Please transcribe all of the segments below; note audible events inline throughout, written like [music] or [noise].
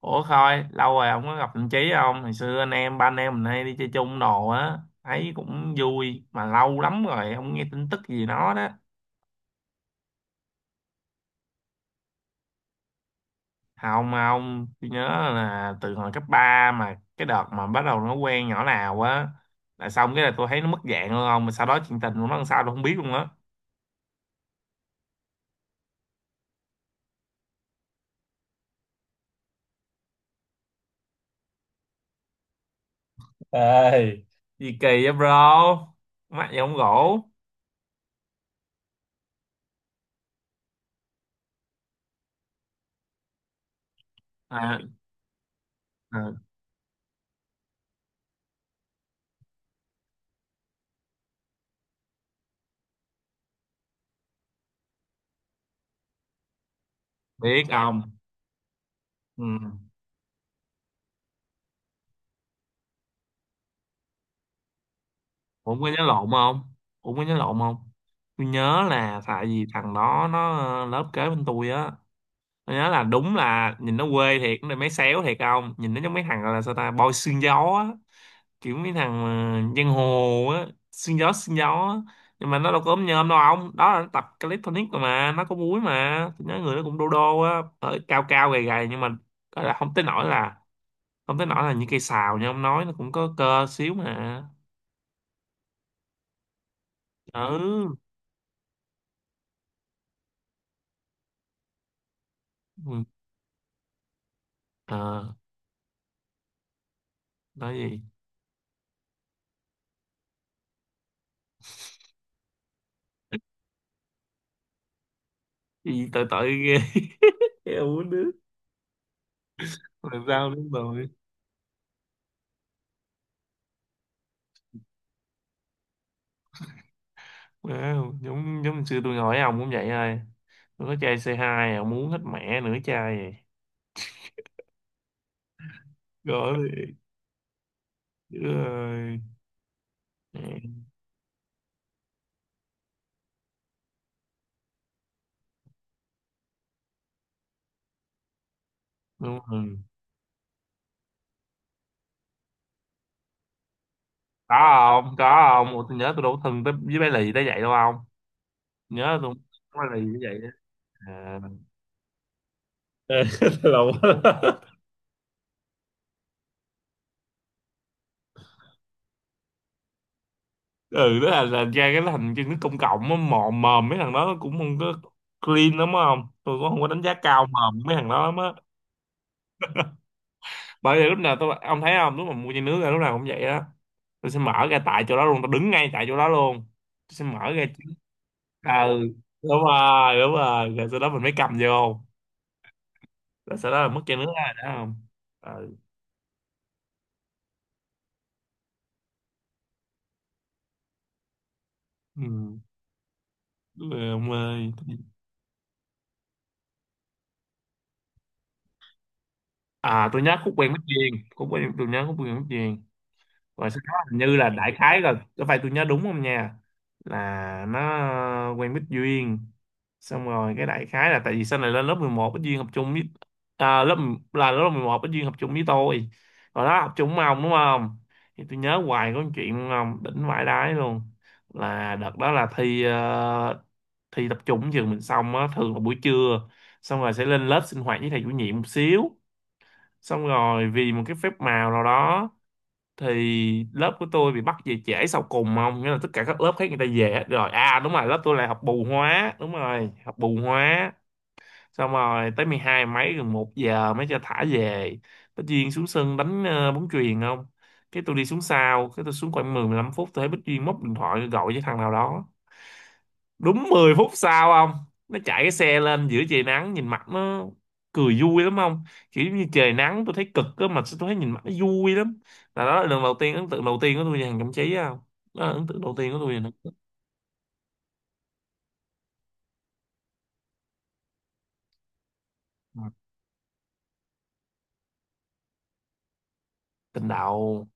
Ủa Khôi, lâu rồi không có gặp thằng Chí không? Hồi xưa anh em, ba anh em mình hay đi chơi chung đồ á, thấy cũng vui, mà lâu lắm rồi, không nghe tin tức gì nó đó. Không mà ông, tôi nhớ là từ hồi cấp 3 mà cái đợt mà bắt đầu nó quen nhỏ nào á, là xong cái là tôi thấy nó mất dạng luôn không, mà sau đó chuyện tình của nó làm sao tôi không biết luôn á. Ê, gì kỳ vậy bro, mắt gì không gỗ. À, à, biết không? Ừ. Ủa, ông có nhớ lộn không? Ủa, có nhớ lộn không? Tôi nhớ là tại vì thằng đó nó lớp kế bên tôi á. Tôi nhớ là đúng là nhìn nó quê thiệt, nó mấy xéo thiệt không? Nhìn nó giống mấy thằng gọi là sao ta, boy xương gió á. Kiểu mấy thằng giang hồ á, xương gió á. Nhưng mà nó đâu có ốm nhom đâu ông. Đó là nó tập calisthenics rồi mà, nó có múi mà. Tôi nhớ người nó cũng đô đô á, ở cao cao gầy gầy nhưng mà gọi là không tới nỗi là những cây sào như ông nói, nó cũng có cơ xíu mà. Ừ. Ừ. Ờ. Nói gì, gì tội tội ghê. [laughs] Em uống nước. Làm sao? Đúng rồi. Wow. Giống giống xưa tôi hỏi ông cũng vậy thôi, tôi có chai c hai ông uống hết mẹ nửa chai vậy. Gọi ơi. Mẹ, đúng rồi. Có không có không. Ủa, tôi nhớ tôi đâu có thân tới với bé lì tới vậy đâu không, nhớ tôi không có bé lì như vậy đó. À. [laughs] Lộn. Ừ đó là ra cái thành chân nước công cộng á, mò mòm mấy thằng đó cũng không có clean lắm á, không tôi cũng không có đánh giá cao mòm mấy thằng đó lắm á. Bởi vì lúc nào tôi, ông thấy không, lúc mà mua chai nước ra lúc nào cũng vậy đó, tôi sẽ mở ra tại chỗ đó luôn, tôi đứng ngay tại chỗ đó luôn, tôi sẽ mở ra. À, ừ. Đúng rồi, đúng rồi, rồi sau đó mình mới cầm vô, rồi sau đó là mất chai nước ra đó không. Ừ. Ừ. Đúng rồi ông ơi. À tôi nhớ khúc quen mất duyên, khúc quen mất duyên. Rồi sau đó hình như là đại khái là, có phải tôi nhớ đúng không nha, là nó quen Bích Duyên, xong rồi cái đại khái là tại vì sau này lên lớp 11 Bích Duyên học chung với, à, lớp 11 Bích Duyên học chung với tôi, rồi đó học chung với ông đúng không. Thì tôi nhớ hoài có một chuyện đúng không, đỉnh vãi đái luôn. Là đợt đó là thi thi tập trung trường mình xong á, thường là buổi trưa xong rồi sẽ lên lớp sinh hoạt với thầy chủ nhiệm một xíu, xong rồi vì một cái phép màu nào đó thì lớp của tôi bị bắt về trễ sau cùng không, nghĩa là tất cả các lớp khác người ta về hết rồi, à đúng rồi, lớp tôi là học bù hóa, đúng rồi học bù hóa, xong rồi tới 12 mấy gần một giờ mới cho thả về. Bích Duyên xuống sân đánh bóng chuyền không, cái tôi đi xuống sau, cái tôi xuống khoảng 10 15 phút tôi thấy Bích Duyên móc điện thoại gọi với thằng nào đó, đúng 10 phút sau ông, nó chạy cái xe lên giữa trời nắng, nhìn mặt nó cười vui lắm ông, kiểu giống như trời nắng tôi thấy cực á, mà tôi thấy nhìn mặt nó vui lắm, là đó là lần đầu tiên ấn tượng đầu tiên của tôi về hàng Cẩm Trí á không, đó là ấn tượng đầu tiên của tôi về nó. Tình đầu.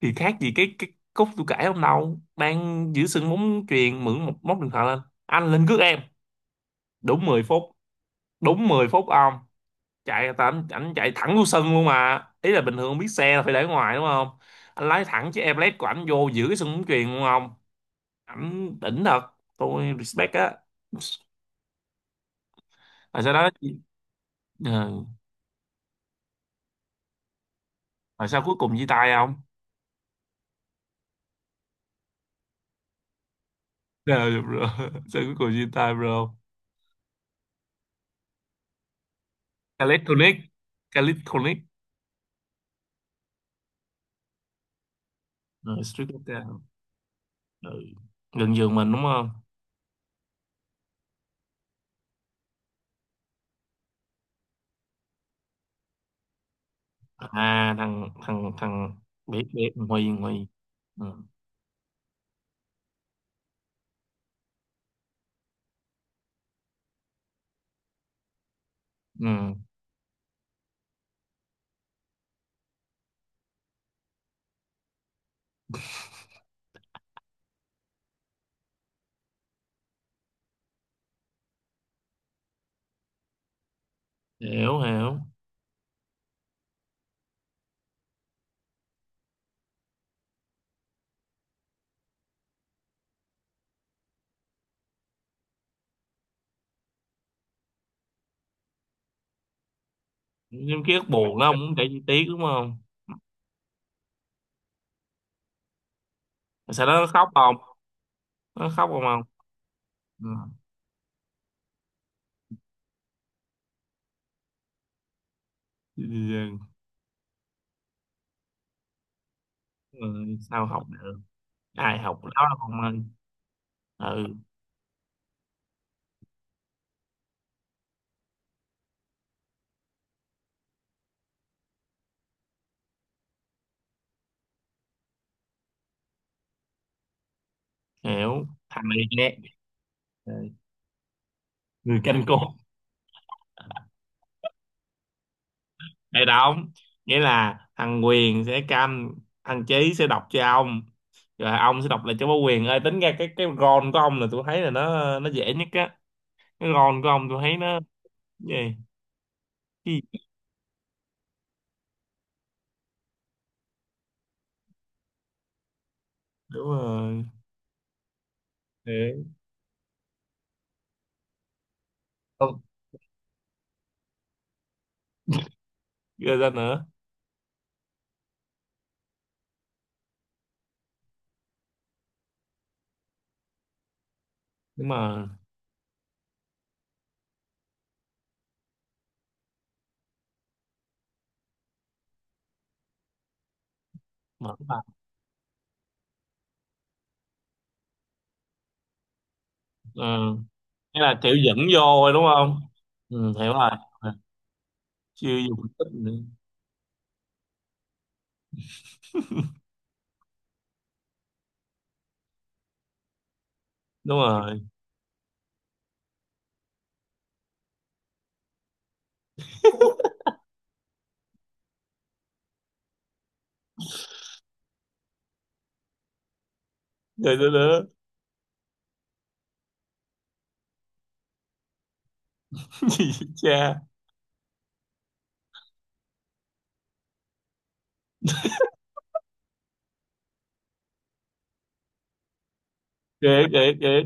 Thì khác gì cái cúc tôi kể hôm đầu đang giữ sân bóng chuyền mượn một móc điện thoại lên, anh lên cướp em, đúng 10 phút, đúng 10 phút ông, chạy tại anh chạy thẳng vô sân luôn, mà ý là bình thường biết xe là phải để ngoài đúng không, anh lái thẳng chiếc Everest của anh vô giữ cái sân bóng chuyền luôn không. Ảnh đỉnh thật, tôi respect á. Rồi sau đó, ờ, rồi sao cuối cùng chia tay không? Ờ, được rồi. [laughs] Sao cuối cùng chia tay bro? Calisthenics. Calisthenics. Ừ, street workout. Ừ. Gần giường mình đúng không. À thằng thằng thằng biết biết Huy Huy Ừ. Ừ. Hiểu hiểu. Nhưng ký ức buồn lắm, không để chi tiết đúng không. Sao nó khóc không? Nó khóc không? Không. Ừ. Ừ. Ừ. Sao học được? Ai học đó là con ơi. Ừ. Hiểu, thằng này nhé. Ừ. Người canh cô. Đây đóng, nghĩa là thằng Quyền sẽ canh, thằng Chí sẽ đọc cho ông, rồi ông sẽ đọc lại cho bố Quyền ơi, tính ra cái ron của ông là tôi thấy là nó dễ nhất á, cái ron của ông tôi thấy nó gì. Cái gì? Đúng rồi. Thế. Không, ghê ra nữa. Đúng mà. Mở bài. Ờ. Nghĩa là kiểu dẫn vô thôi đúng không. Ừ, hiểu rồi. Chưa dùng tích nữa. Đúng rồi. Rồi đó đó. [laughs] Gì vậy cha. Kể kể kể.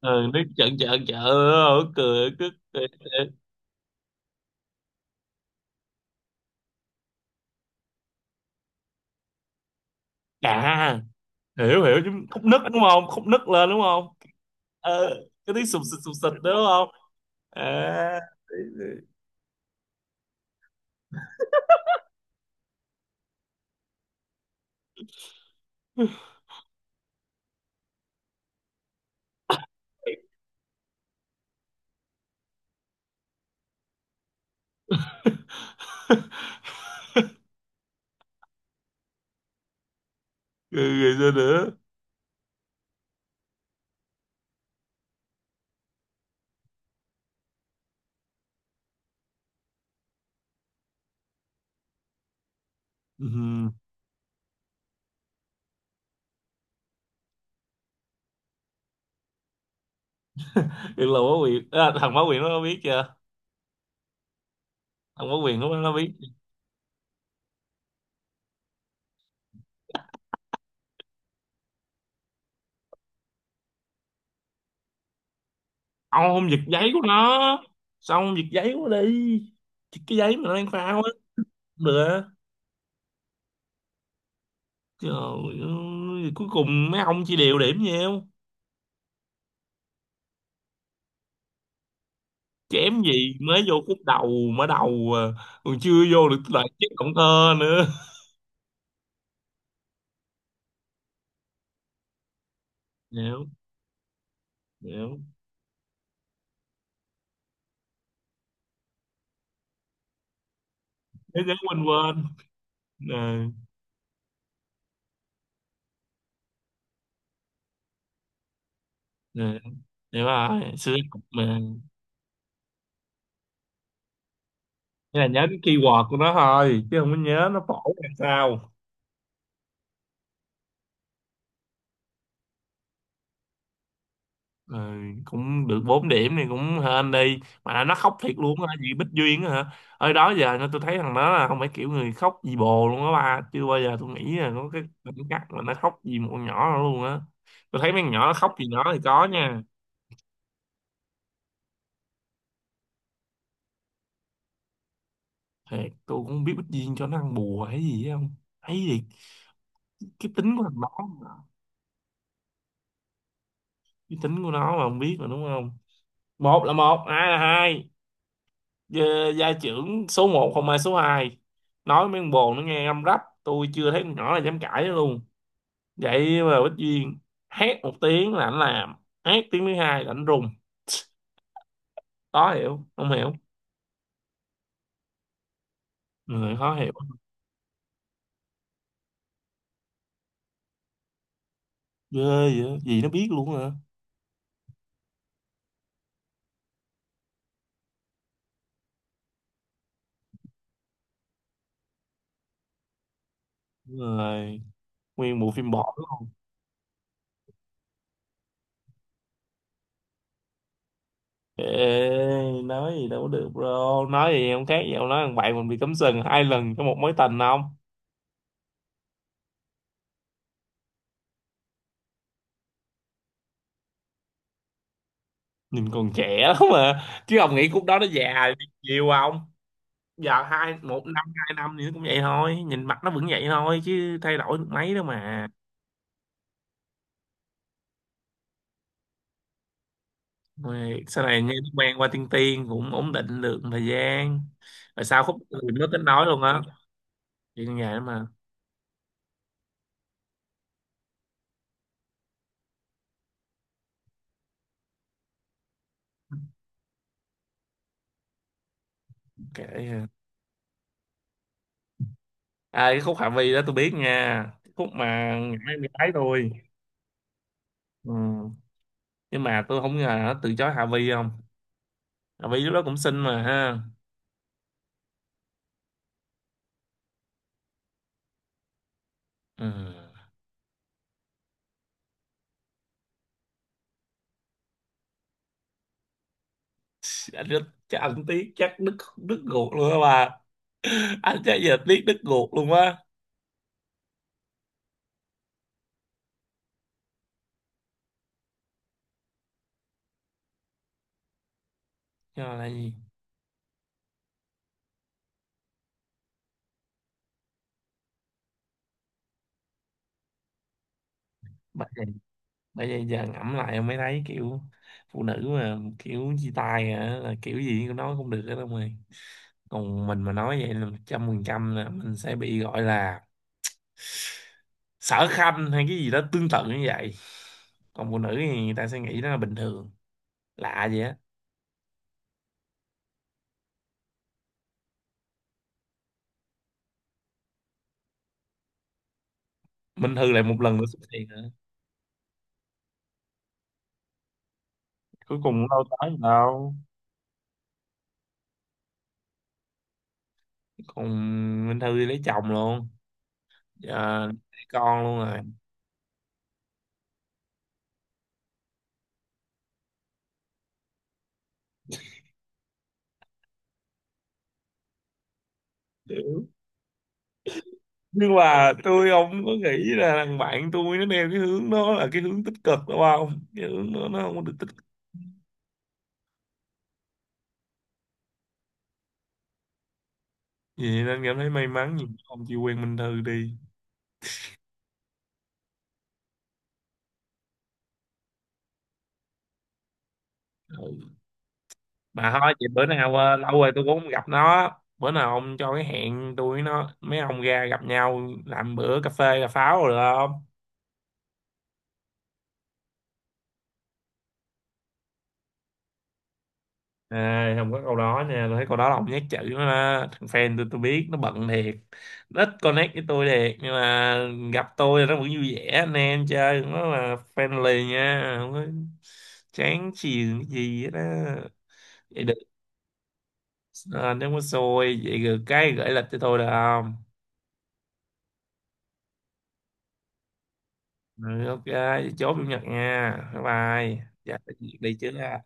Ừ, nó chợn chợn chợn, ừ, cười cứ cười, cười. À. Hiểu hiểu, chứ khúc nứt đúng không, khúc nứt lên đúng không. Ờ, cái tiếng sụp sụp sụp sụp đúng không. À. [laughs] Rồi, rồi sao nữa. [laughs] Ừ. Được là quá quyền à, thằng Bá Quyền nó biết chưa, thằng Bá Quyền nó biết. Ông không giật giấy của nó? Sao ông giật giấy của nó đi? Thì cái giấy mà nó đang phao á. Không được á. Trời ơi, cuối cùng mấy ông chỉ đều điểm nhau. Kém gì, mới vô khúc đầu, mở đầu à, còn chưa vô được loại chiếc động cơ nữa. Hiểu, hiểu. Thế giới, quên quên, nè nè. Hiểu rồi, xưa học mà. Thế là nhớ cái keyword của nó thôi chứ không có nhớ nó phổ làm sao. Ừ, cũng được 4 điểm thì cũng hên đi, mà nó khóc thiệt luôn á vì Bích Duyên á hả, ở đó giờ nó tôi thấy thằng đó là không phải kiểu người khóc vì bồ luôn á ba, chưa bao giờ tôi nghĩ là có cái cảm giác mà nó khóc vì một con nhỏ đó luôn á, tôi thấy mấy con nhỏ nó khóc vì nó thì có nha. Thiệt tôi cũng không biết Bích Duyên cho nó ăn bùa hay gì á không, thấy gì cái tính của thằng đó mà. Cái tính của nó mà, không biết mà đúng không, một là một hai là hai. Gia, gia trưởng số một không ai số hai. Nói mấy con bồ nó nghe răm rắp, tôi chưa thấy con nhỏ là dám cãi luôn. Vậy mà Bích Duyên hét một tiếng là anh làm, hét tiếng thứ hai là anh rùng. Khó hiểu, không hiểu, người khó hiểu. Ghê, vậy gì nó biết luôn hả. Rồi nguyên bộ phim bỏ luôn. Ê, nói gì đâu có được bro, nói gì không khác gì ông nói thằng bạn mình bị cấm sừng 2 lần trong một mối tình không. Nhìn còn trẻ lắm mà, chứ ông nghĩ khúc đó nó già nhiều không, giờ hai một năm hai năm nữa cũng vậy thôi, nhìn mặt nó vẫn vậy thôi chứ thay đổi được mấy đâu mà. Rồi sau này nghe nó quen qua tiên tiên cũng ổn định được một thời gian, rồi sau khúc từ nó tính nói luôn á, chuyện như vậy mà. Kệ à. À, cái khúc Hạ Vi đó tôi biết nha, khúc mà ngã em gái tôi. Ừ. Nhưng mà tôi không ngờ nó từ chối Hạ Vi không, Hạ Vi lúc đó cũng xinh mà ha. Ừ. Anh rất, chắc anh tiếc chắc đứt đứt ruột luôn á bà, anh chắc giờ tiếc đứt ruột luôn á. Cho là gì. Bà, bây giờ giờ ngẫm lại em mới thấy kiểu phụ nữ mà kiểu chia tay hả là kiểu gì cũng nói không được hết ông ơi, còn mình mà nói vậy là 100% là mình sẽ bị gọi là sở khanh hay cái gì đó tương tự như vậy, còn phụ nữ thì người ta sẽ nghĩ đó là bình thường, lạ gì á. Minh Thư lại một lần nữa xuất hiện nữa. Cuối cùng cũng đâu tới gì đâu, còn Minh Thư thì lấy chồng luôn, giờ lấy con luôn. Rồi, nhưng mà tôi không có nghĩ là thằng bạn tôi nó theo cái hướng đó là cái hướng tích cực đúng không, cái hướng đó nó không có được tích cực gì nên cảm thấy may mắn, gì không chịu quen Minh Thư đi. Ừ. Mà thôi vậy bữa nào lâu rồi tôi cũng không gặp nó, bữa nào ông cho cái hẹn tôi với nó mấy ông ra gặp nhau làm bữa cà phê cà pháo rồi được không. À, không có câu đó nha, tôi thấy câu đó là ông nhát chữ nó đó, thằng fan tôi biết nó bận thiệt, nó ít connect với tôi thiệt nhưng mà gặp tôi nó vẫn vui vẻ anh em chơi, nó là friendly nha, không có chán chường cái gì hết á. Vậy được. À, nếu có xui vậy được cái gửi lịch cho tôi được không. Ừ, ok vậy chốt chủ nhật nha, bye. Bye dạ, đi trước ha.